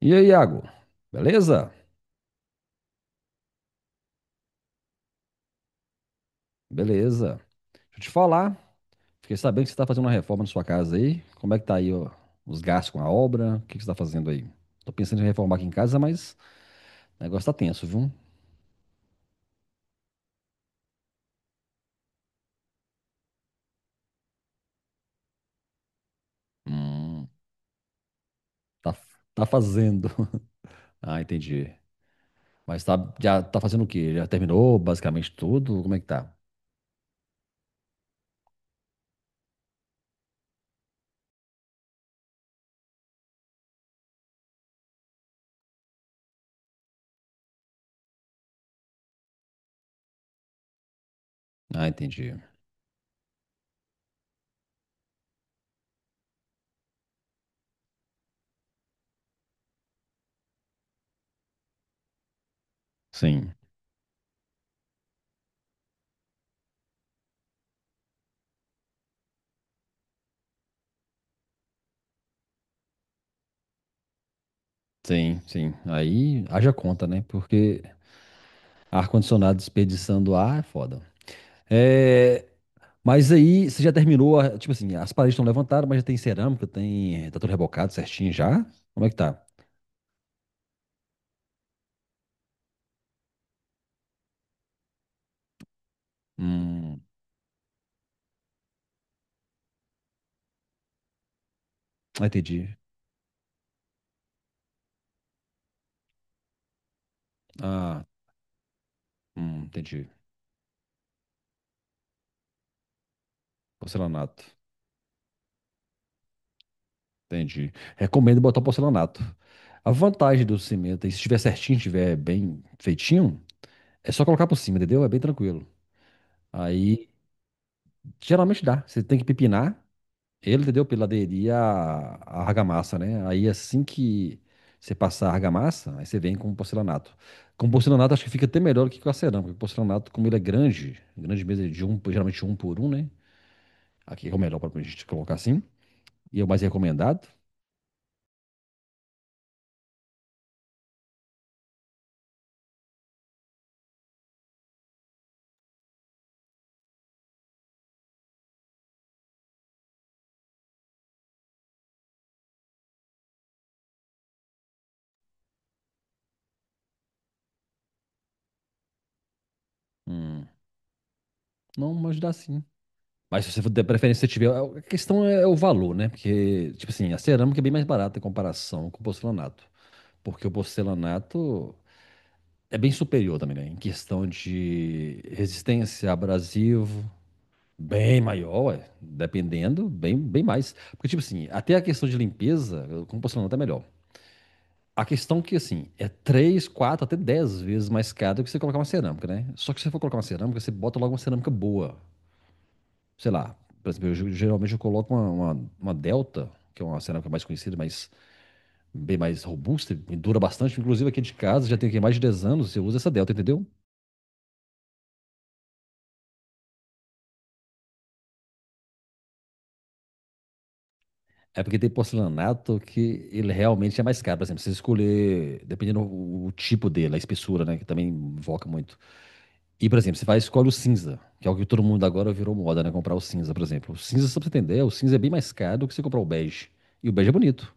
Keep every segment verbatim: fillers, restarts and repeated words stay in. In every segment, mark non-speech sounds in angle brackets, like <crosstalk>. E aí, Iago? Beleza? Beleza. Deixa eu te falar. Fiquei sabendo que você está fazendo uma reforma na sua casa aí. Como é que tá aí, ó, os gastos com a obra? O que que você está fazendo aí? Tô pensando em reformar aqui em casa, mas o negócio tá tenso, viu? Hum, tá, tá fazendo. <laughs> Ah, entendi. Mas tá, já tá fazendo o quê? Já terminou basicamente tudo? Como é que tá? Ah, entendi. Sim, sim, sim. Aí haja conta, né? Porque ar-condicionado desperdiçando ar é foda. É, mas aí você já terminou, a- tipo assim, as paredes estão levantadas, mas já tem cerâmica, tem, eh, tá tudo rebocado certinho já? Como é que tá? Hum, ah, entendi. Ah, hum, entendi. Porcelanato. Entendi. Recomendo botar porcelanato. A vantagem do cimento, aí, se estiver certinho, estiver bem feitinho, é só colocar por cima, entendeu? É bem tranquilo. Aí, geralmente dá. Você tem que pepinar, ele, entendeu? Pela aderir à à argamassa, né? Aí assim que você passar a argamassa, aí você vem com o porcelanato. Com o porcelanato acho que fica até melhor do que com a cerâmica, porque o porcelanato, como ele é grande, grande mesmo, é de um, geralmente um por um, né? Aqui é o melhor para a gente colocar assim. E é o mais recomendado. Hum, não, mas dá sim. Mas se você for ter preferência, se você tiver. A questão é é o valor, né? Porque, tipo assim, a cerâmica é bem mais barata em comparação com o porcelanato. Porque o porcelanato é bem superior também, né? Em questão de resistência, abrasivo, bem maior, ué, dependendo, bem, bem mais. Porque, tipo assim, até a questão de limpeza, eu- como é tá melhor. A questão que, assim, é três, quatro até dez vezes mais caro do que você colocar uma cerâmica, né? Só que se você for colocar uma cerâmica, você bota logo uma cerâmica boa. Sei lá, por exemplo, eu, ge- geralmente eu coloco uma, uma, uma Delta, que é uma cerâmica mais conhecida, mas bem mais robusta, e dura bastante. Inclusive aqui de casa, já tem aqui mais de dez anos, eu uso essa Delta, entendeu? É porque tem porcelanato que ele realmente é mais caro. Por exemplo, você escolher, dependendo o, o tipo dele, a espessura, né? Que também invoca muito. E, por exemplo, você vai e escolhe o cinza, que é o que todo mundo agora virou moda, né? Comprar o cinza, por exemplo. O cinza, só pra você entender, o cinza é bem mais caro do que você comprar o bege. E o bege é bonito.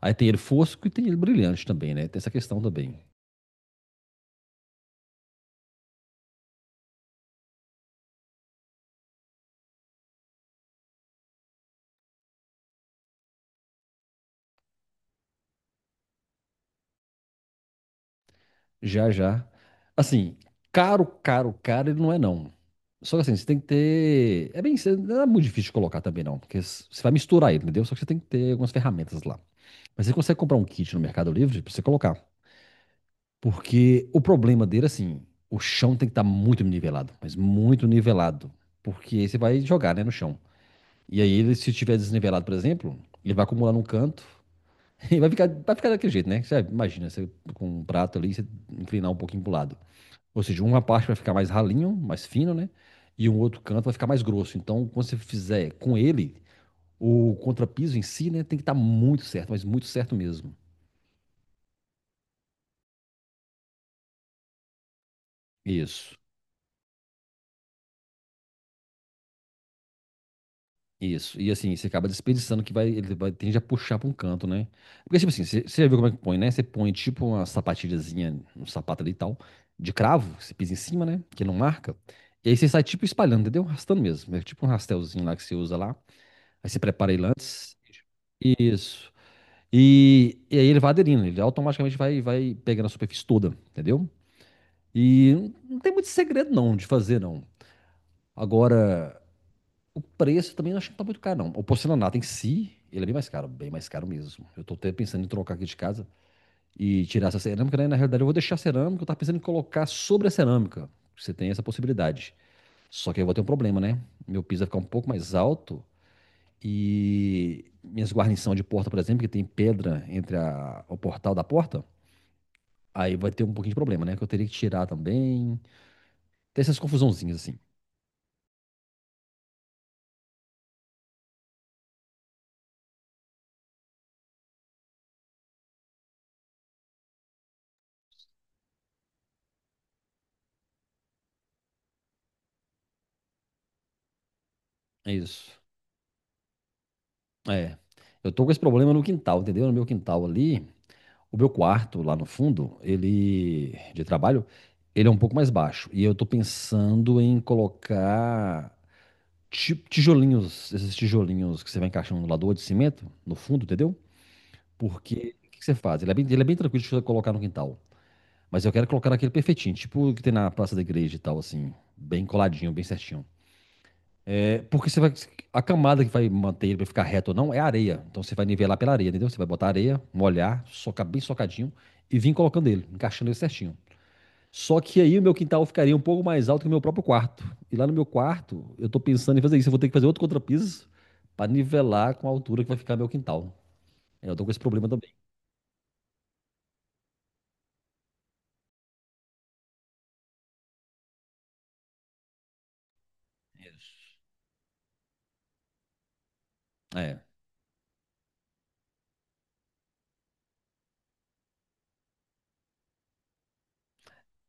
Aí tem ele fosco e tem ele brilhante também, né? Tem essa questão também. Já, já. Assim, caro, caro, caro, ele não é, não. Só que assim, você tem que ter. É bem. Não é muito difícil de colocar também, não. Porque você vai misturar ele, entendeu? Só que você tem que ter algumas ferramentas lá. Mas você consegue comprar um kit no Mercado Livre pra você colocar. Porque o problema dele, assim, o chão tem que estar muito nivelado, mas muito nivelado. Porque aí você vai jogar, né, no chão. E aí, ele, se estiver desnivelado, por exemplo, ele vai acumular num canto <laughs> e vai ficar, vai ficar daquele jeito, né? Você imagina, você com um prato ali, você inclinar um pouquinho pro lado. Ou seja, uma parte vai ficar mais ralinho, mais fino, né? E um outro canto vai ficar mais grosso. Então, quando você fizer com ele, o contrapiso em si, né, tem que estar muito certo, mas muito certo mesmo. Isso. Isso. E assim, você acaba desperdiçando que vai, ele vai, tende a puxar para um canto, né? Porque, tipo assim, você você já viu como é que põe, né? Você põe tipo uma sapatilhazinha, um sapato ali e tal, de cravo, que você pisa em cima, né? Que não marca. E aí você sai tipo espalhando, entendeu? Arrastando mesmo. É tipo um rastelzinho lá que você usa lá. Aí você prepara ele antes. Isso. E, e aí ele vai aderindo, ele automaticamente vai, vai pegando a superfície toda, entendeu? E não não tem muito segredo não de fazer, não. Agora, o preço também eu acho que não tá muito caro, não. O porcelanato em si, ele é bem mais caro, bem mais caro mesmo. Eu tô até pensando em trocar aqui de casa e tirar essa cerâmica, né? Na realidade, eu vou deixar a cerâmica, eu tava pensando em colocar sobre a cerâmica. Você tem essa possibilidade. Só que aí eu vou ter um problema, né? Meu piso vai ficar um pouco mais alto e minhas guarnições de porta, por exemplo, que tem pedra entre a- o portal da porta, aí vai ter um pouquinho de problema, né? Que eu teria que tirar também. Tem essas confusãozinhas assim. É isso. É. Eu tô com esse problema no quintal, entendeu? No meu quintal ali, o meu quarto, lá no fundo, ele de trabalho, ele é um pouco mais baixo. E eu tô pensando em colocar ti- tijolinhos, esses tijolinhos que você vai encaixando no lador de cimento, no fundo, entendeu? Porque o que que você faz? Ele é bem, ele é bem tranquilo de você colocar no quintal. Mas eu quero colocar aquele perfeitinho, tipo o que tem na praça da igreja e tal, assim, bem coladinho, bem certinho. É, porque você vai. A camada que vai manter ele pra ficar reto ou não é a areia. Então você vai nivelar pela areia, entendeu? Você vai botar areia, molhar, socar bem socadinho e vir colocando ele, encaixando ele certinho. Só que aí o meu quintal ficaria um pouco mais alto que o meu próprio quarto. E lá no meu quarto, eu tô pensando em fazer isso. Eu vou ter que fazer outro contrapiso para nivelar com a altura que vai ficar meu quintal. É, eu tô com esse problema também. Isso. É.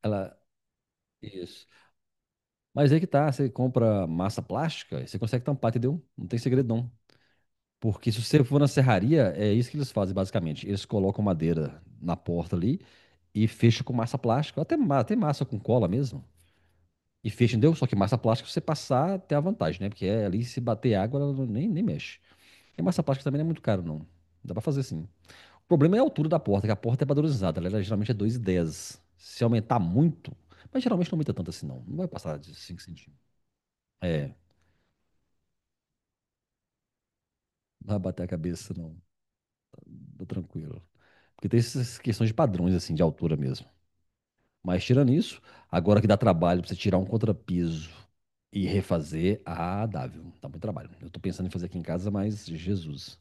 Ela. Isso. Mas aí que tá, você compra massa plástica, e você consegue tampar, entendeu? Não tem segredo não. Porque se você for na serraria, é isso que eles fazem basicamente. Eles colocam madeira na porta ali e fecham com massa plástica, até, ma- até massa com cola mesmo. E fecha, entendeu? Só que massa plástica você passar tem a vantagem, né? Porque é, ali se bater água, ela não- nem, nem mexe. E massa plástica também não é muito caro, não. Dá pra fazer sim. O problema é a altura da porta, que a porta é padronizada. Ela é geralmente é dois e dez. Se aumentar muito, mas geralmente não aumenta tanto assim, não. Não vai passar de cinco centímetros. É, não vai bater a cabeça, não. Tá tá tranquilo. Porque tem essas questões de padrões, assim, de altura mesmo. Mas tirando isso, agora que dá trabalho pra você tirar um contrapiso e refazer, ah, dá, viu? Dá muito trabalho. Eu tô pensando em fazer aqui em casa, mas Jesus.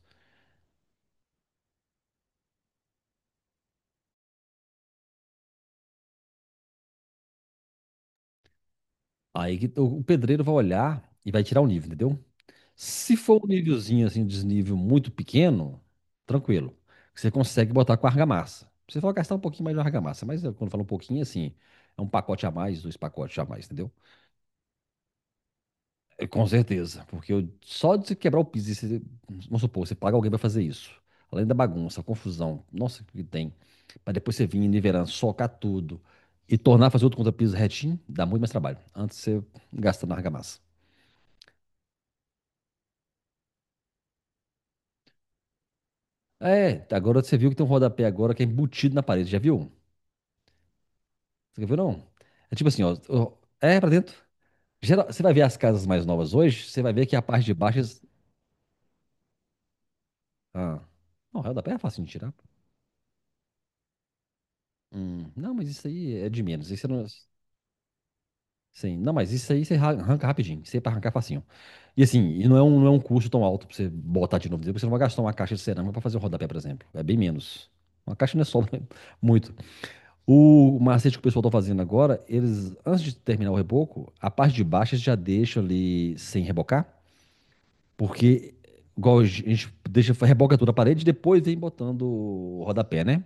Aí que o o pedreiro vai olhar e vai tirar o nível, entendeu? Se for um nívelzinho assim, um desnível muito pequeno, tranquilo. Você consegue botar com argamassa. Você vai gastar um pouquinho mais de argamassa, mas eu- quando fala um pouquinho assim, é um pacote a mais, dois pacotes a mais, entendeu? É, com certeza, porque eu- só de você quebrar o piso, e você, vamos supor, você paga alguém pra fazer isso, além da bagunça, a confusão, nossa, que tem, pra depois você vir nivelando, socar tudo e tornar fazer outro contra-piso retinho, dá muito mais trabalho. Antes você gasta na argamassa. É, agora você viu que tem um rodapé agora que é embutido na parede, já viu? Você viu não? É tipo assim, ó, ó, é pra dentro. Geral- você vai ver as casas mais novas hoje, você vai ver que a parte de baixo, ah, não, é, o rodapé é fácil de tirar. Hum, não, mas isso aí é de menos. Isso não, sim, não, mas isso aí você ra- arranca rapidinho, isso aí é pra arrancar facinho. E assim, e não é um, não é um custo tão alto pra você botar de novo, porque você não vai gastar uma caixa de cerâmica pra fazer o rodapé, por exemplo. É bem menos. Uma caixa não é só <laughs> muito. O macete que o pessoal tá fazendo agora, eles, antes de terminar o reboco, a parte de baixo eles já deixam ali sem rebocar, porque igual a gente deixa, reboca toda a parede e depois vem botando o rodapé, né?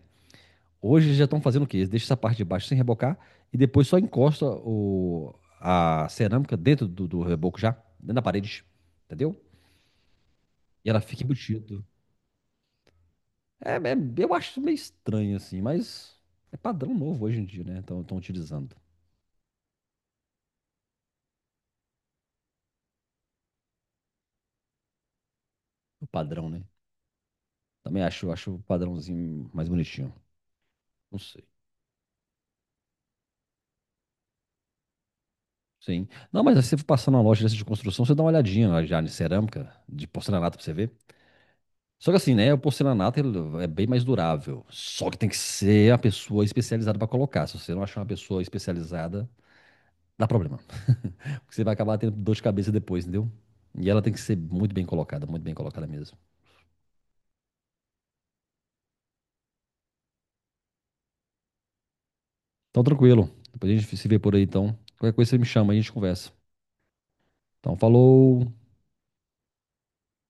Hoje eles já estão fazendo o quê? Eles deixam essa parte de baixo sem rebocar e depois só encosta o, a cerâmica dentro do, do reboco já, dentro da parede, entendeu? E ela fica embutida. É, é- eu acho meio estranho assim, mas é padrão novo hoje em dia, né? Estão utilizando o padrão, né? Também acho, acho o padrãozinho mais bonitinho. Não sei. Sim. Não, mas se você for passar numa loja dessa de construção, você dá uma olhadinha lá já de cerâmica, de porcelanato pra você ver. Só que assim, né? O porcelanato ele é bem mais durável. Só que tem que ser a pessoa especializada para colocar. Se você não achar uma pessoa especializada, dá problema. <laughs> Porque você vai acabar tendo dor de cabeça depois, entendeu? E ela tem que ser muito bem colocada, muito bem colocada mesmo. Então, tranquilo. Depois a gente se vê por aí, então. Qualquer coisa você me chama, a gente conversa. Então, falou.